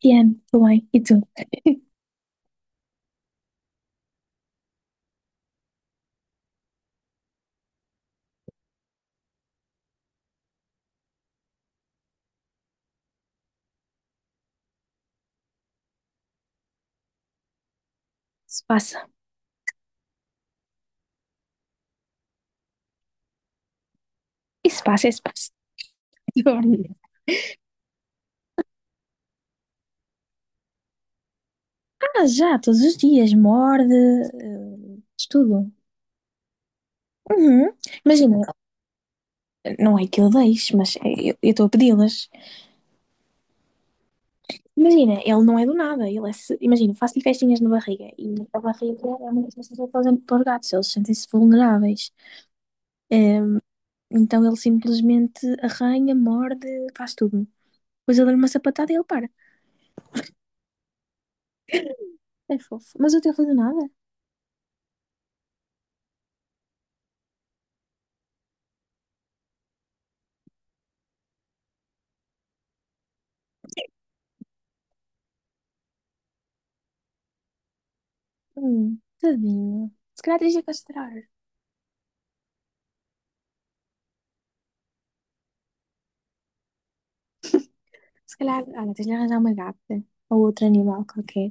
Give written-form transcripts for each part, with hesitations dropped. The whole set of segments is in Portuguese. Piano também. E tu? Se passa. Isso passa, isso passa. Ah, já, todos os dias. Morde, estudo. Uhum. Imagina, não é que eu deixe, mas eu estou a pedi-las. Imagina, ele não é do nada. Ele é, imagina, faço-lhe festinhas na barriga. E a barriga é uma das coisas que eles fazem para os gatos. Eles sentem-se vulneráveis. Ehm, Então ele simplesmente arranha, morde, faz tudo. Depois eu dou-lhe uma sapatada e ele para. É fofo. Mas o teu foi do nada? Tadinho. Se calhar tens de castrar. Se calhar, olha, tens de arranjar uma gata. Ou outro animal qualquer.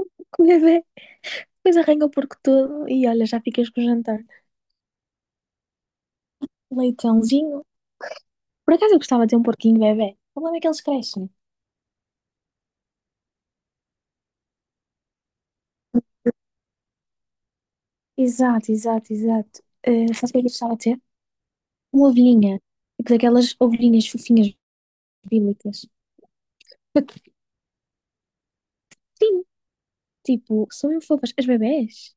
Com o bebê. Depois arranha o porco todo e olha, já ficas com o jantar. Leitãozinho. Por acaso eu gostava de ter um porquinho bebê. O problema é que eles crescem. Exato, exato, exato. Sabes o que é que eu gostava de ter? Uma ovelhinha. Tipo daquelas ovelhinhas fofinhas bíblicas. Sim, tipo, são mesmo fofas. As bebés,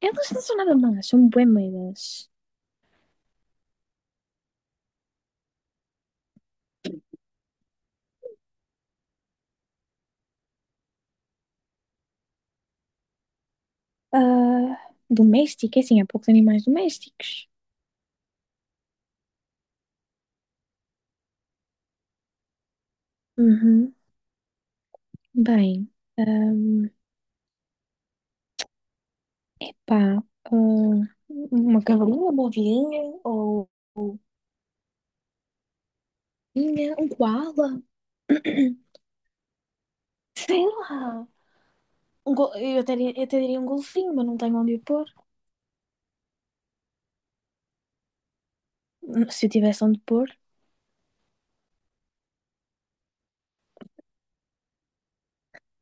elas não são nada más, são bué meias. Ah, doméstica, é assim, há poucos animais domésticos. Uhum. Bem, ahm, pá, ah, uma cavalinha, uma ovelhinha, ou ovelhinha, um koala, sei lá. Eu até diria um golfinho, mas não tenho onde o pôr. Se eu tivesse onde pôr,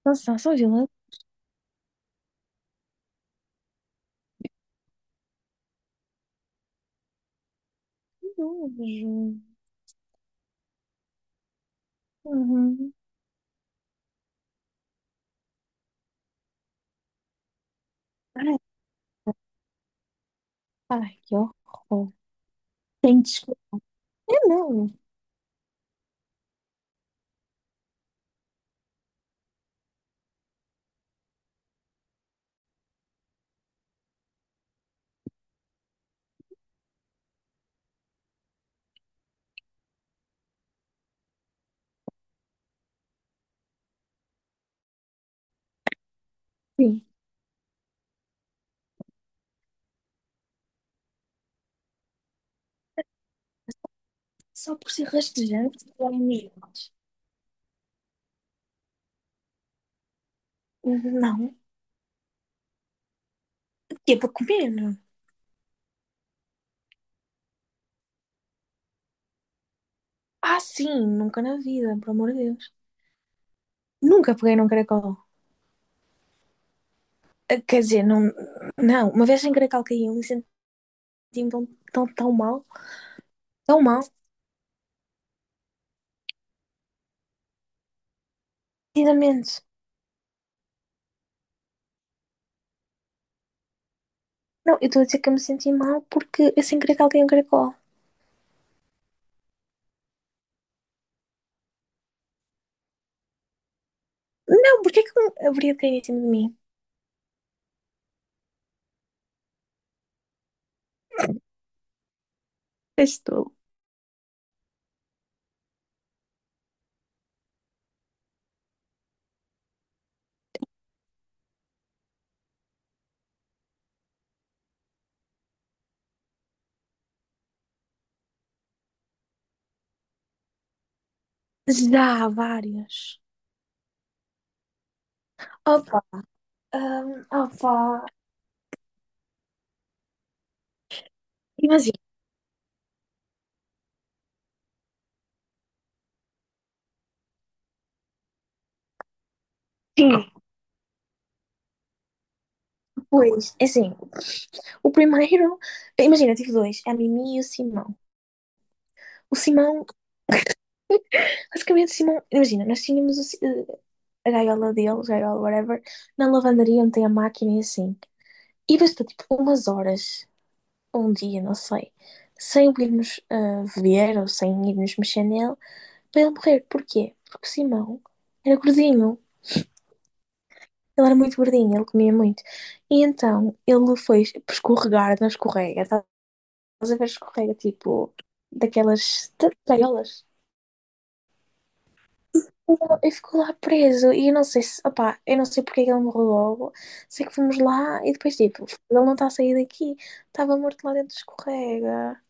não são, são gelados. Uhum. Ai, ai, que horror. Tenho de não, sim. Só por ser rastejante ou imigrantes. Não. Que é para comer. Ah, sim, nunca na vida, pelo amor de Deus. Nunca peguei num caracol. Ah, quer dizer, não, não, uma vez sem caracol caiu me senti tão, tão, tão mal, precisamente. Não, eu estou a dizer que eu me senti mal porque eu sem caracol caí um caracol. Não, porque é que um haveria de cair em cima de mim? Estou. Já há várias. Opa, opa. Imagina, sim, pois, é assim, o primeiro, imagina, tive dois, a Mimi e o Simão. O Simão, basicamente, o Simão, imagina, nós tínhamos o a gaiola dele, gaiola, whatever, na lavandaria onde tem a máquina e assim. E bastou tipo umas horas, um dia, não sei, sem o irmos ah, ver ou sem irmos mexer nele, para ele morrer. Porquê? Porque o Simão era gordinho. Ele era muito gordinho, ele comia muito. E então ele foi escorregar na escorrega. Estás a ver escorrega, tipo, daquelas gaiolas. E ficou lá preso. E eu não sei se, opá, eu não sei porque é que ele morreu logo. Sei que fomos lá e depois, tipo, ele não está a sair daqui. Estava morto lá dentro, escorrega.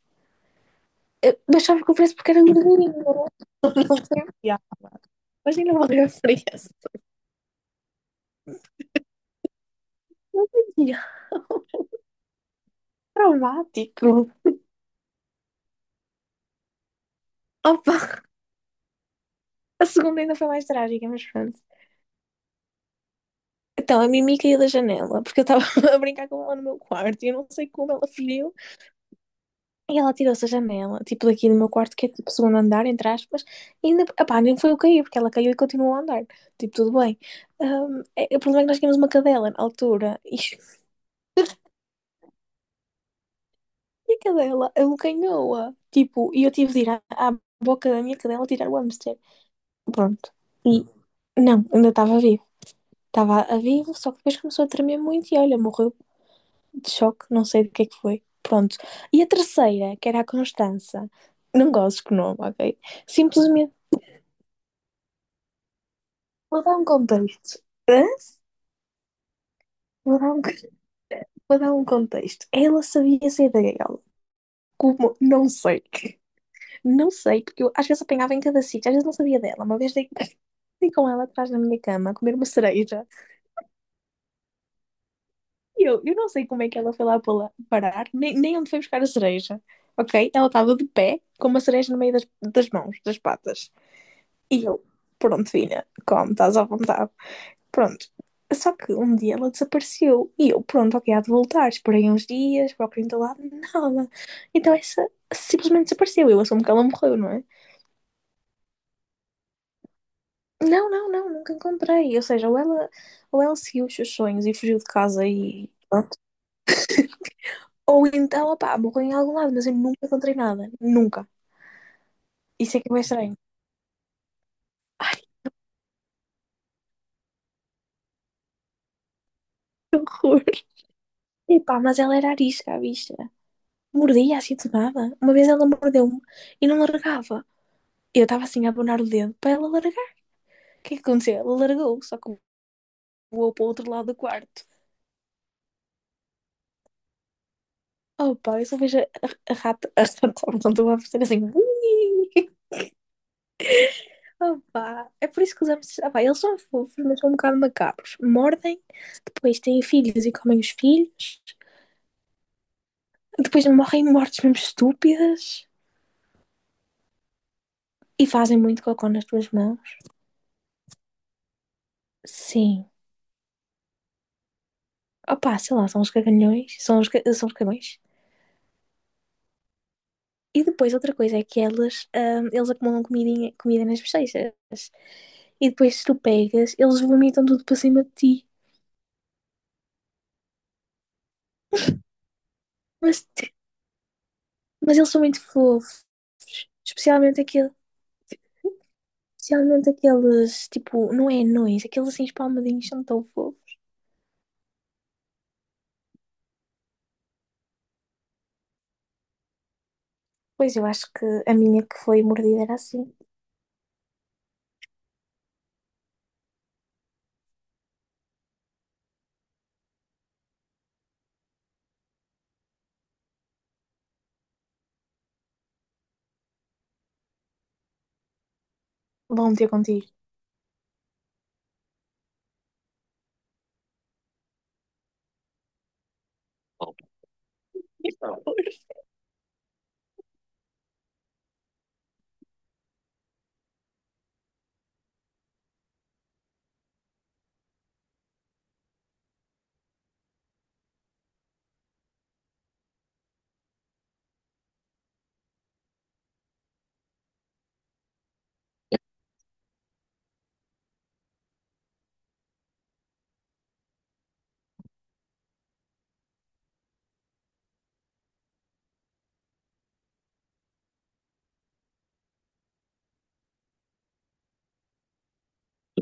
Eu achava que o preço porque era gordinho. Imagina o gordinho. Traumático. Opa, a segunda ainda foi mais trágica, mas pronto. Então, a Mimi caiu da janela porque eu estava a brincar com ela no meu quarto e eu não sei como ela fugiu. E ela tirou-se a janela, tipo daqui do meu quarto, que é tipo segundo andar, entre aspas, e ainda, epá, nem foi eu cair, porque ela caiu e continuou a andar. Tipo, tudo bem. O problema é que nós tínhamos uma cadela na altura, e, e a cadela abocanhou-a. Tipo, e eu tive de ir à boca da minha cadela tirar o hamster. Pronto. E não, ainda estava vivo. Estava a vivo, só que depois começou a tremer muito e olha, morreu de choque, não sei do que é que foi. Pronto. E a terceira, que era a Constança, não gosto que nome, ok? Simplesmente vou dar um contexto. Hã? Vou dar um, vou dar um contexto. Ela sabia sair da gaiola. Como? Não sei. Não sei, porque eu às vezes apanhava em cada sítio, às vezes não sabia dela. Uma vez dei, dei com ela atrás da minha cama a comer uma cereja. E eu não sei como é que ela foi lá parar, nem onde foi buscar a cereja. Ok? Ela estava de pé, com uma cereja no meio das mãos, das patas. E eu, pronto, filha, como, estás à vontade. Pronto. Só que um dia ela desapareceu e eu, pronto, ok, há de voltar. Esperei uns dias, procurei em todo lado, nada. Então essa simplesmente desapareceu. Eu assumo que ela morreu, não é? Não, não, não, nunca encontrei. Ou seja, ou ela seguiu os seus sonhos e fugiu de casa e pronto. Ou então, opá, morreu em algum lado, mas eu nunca encontrei nada. Nunca. Isso é que é bem estranho. Cor. Epá, mas ela era arisca, a bicha. Mordia assim do nada. Uma vez ela mordeu-me e não largava. Eu estava assim a abonar o dedo para ela largar. O que é que aconteceu? Ela largou, só que voou para o outro lado do quarto. Oh pá, eu só vejo a rata, portanto, a fazer assim. "Ui". Oh pá, é por isso que os hamsters, ah pá, eles são fofos, mas são um bocado macabros. Mordem, depois têm filhos e comem os filhos, depois morrem mortes mesmo estúpidas e fazem muito cocô nas tuas mãos. Sim. Oh pá, sei lá, são os cagalhões, são os cagões. E depois outra coisa é que eles acumulam comidinha, comida nas bochechas. E depois, se tu pegas, eles vomitam tudo para cima de ti. Mas, mas eles são muito fofos. Especialmente aquele, especialmente aqueles, tipo, não é anões, aqueles assim espalmadinhos são tão fofos. Pois eu acho que a minha que foi mordida era assim. Vão ter contigo.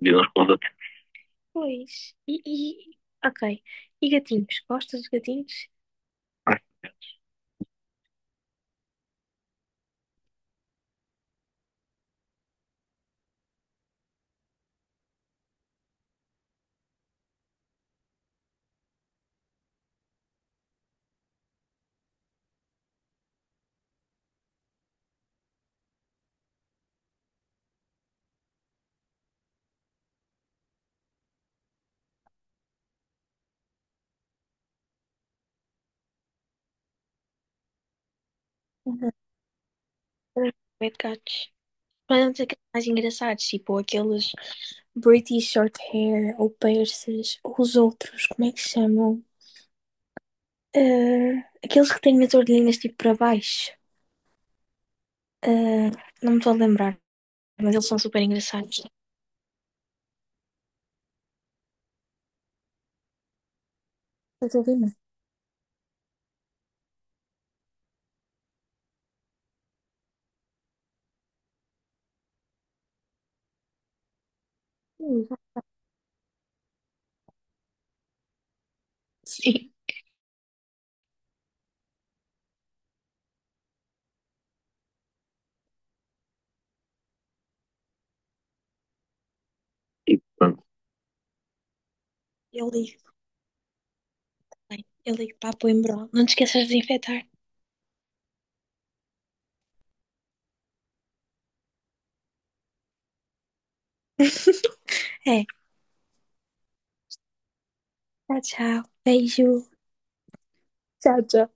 Deus responda. Pois. Ok. E gatinhos? Gostas de gatinhos? Uhum. Pet gatos. Mas aqueles mais engraçados, tipo aqueles British short hair ou persas, ou os outros, como é que se chamam? Eh, aqueles que têm as orelhinhas tipo para baixo. Eh, não me estou a lembrar, mas eles são super engraçados. Estás a ouvir-me? Hum. Sim, e pronto, eu ligo. Bem, eu ligo para a Coimbra. Não te esqueças de desinfetar. É, tchau, tchau. Beijo. Tchau, tchau.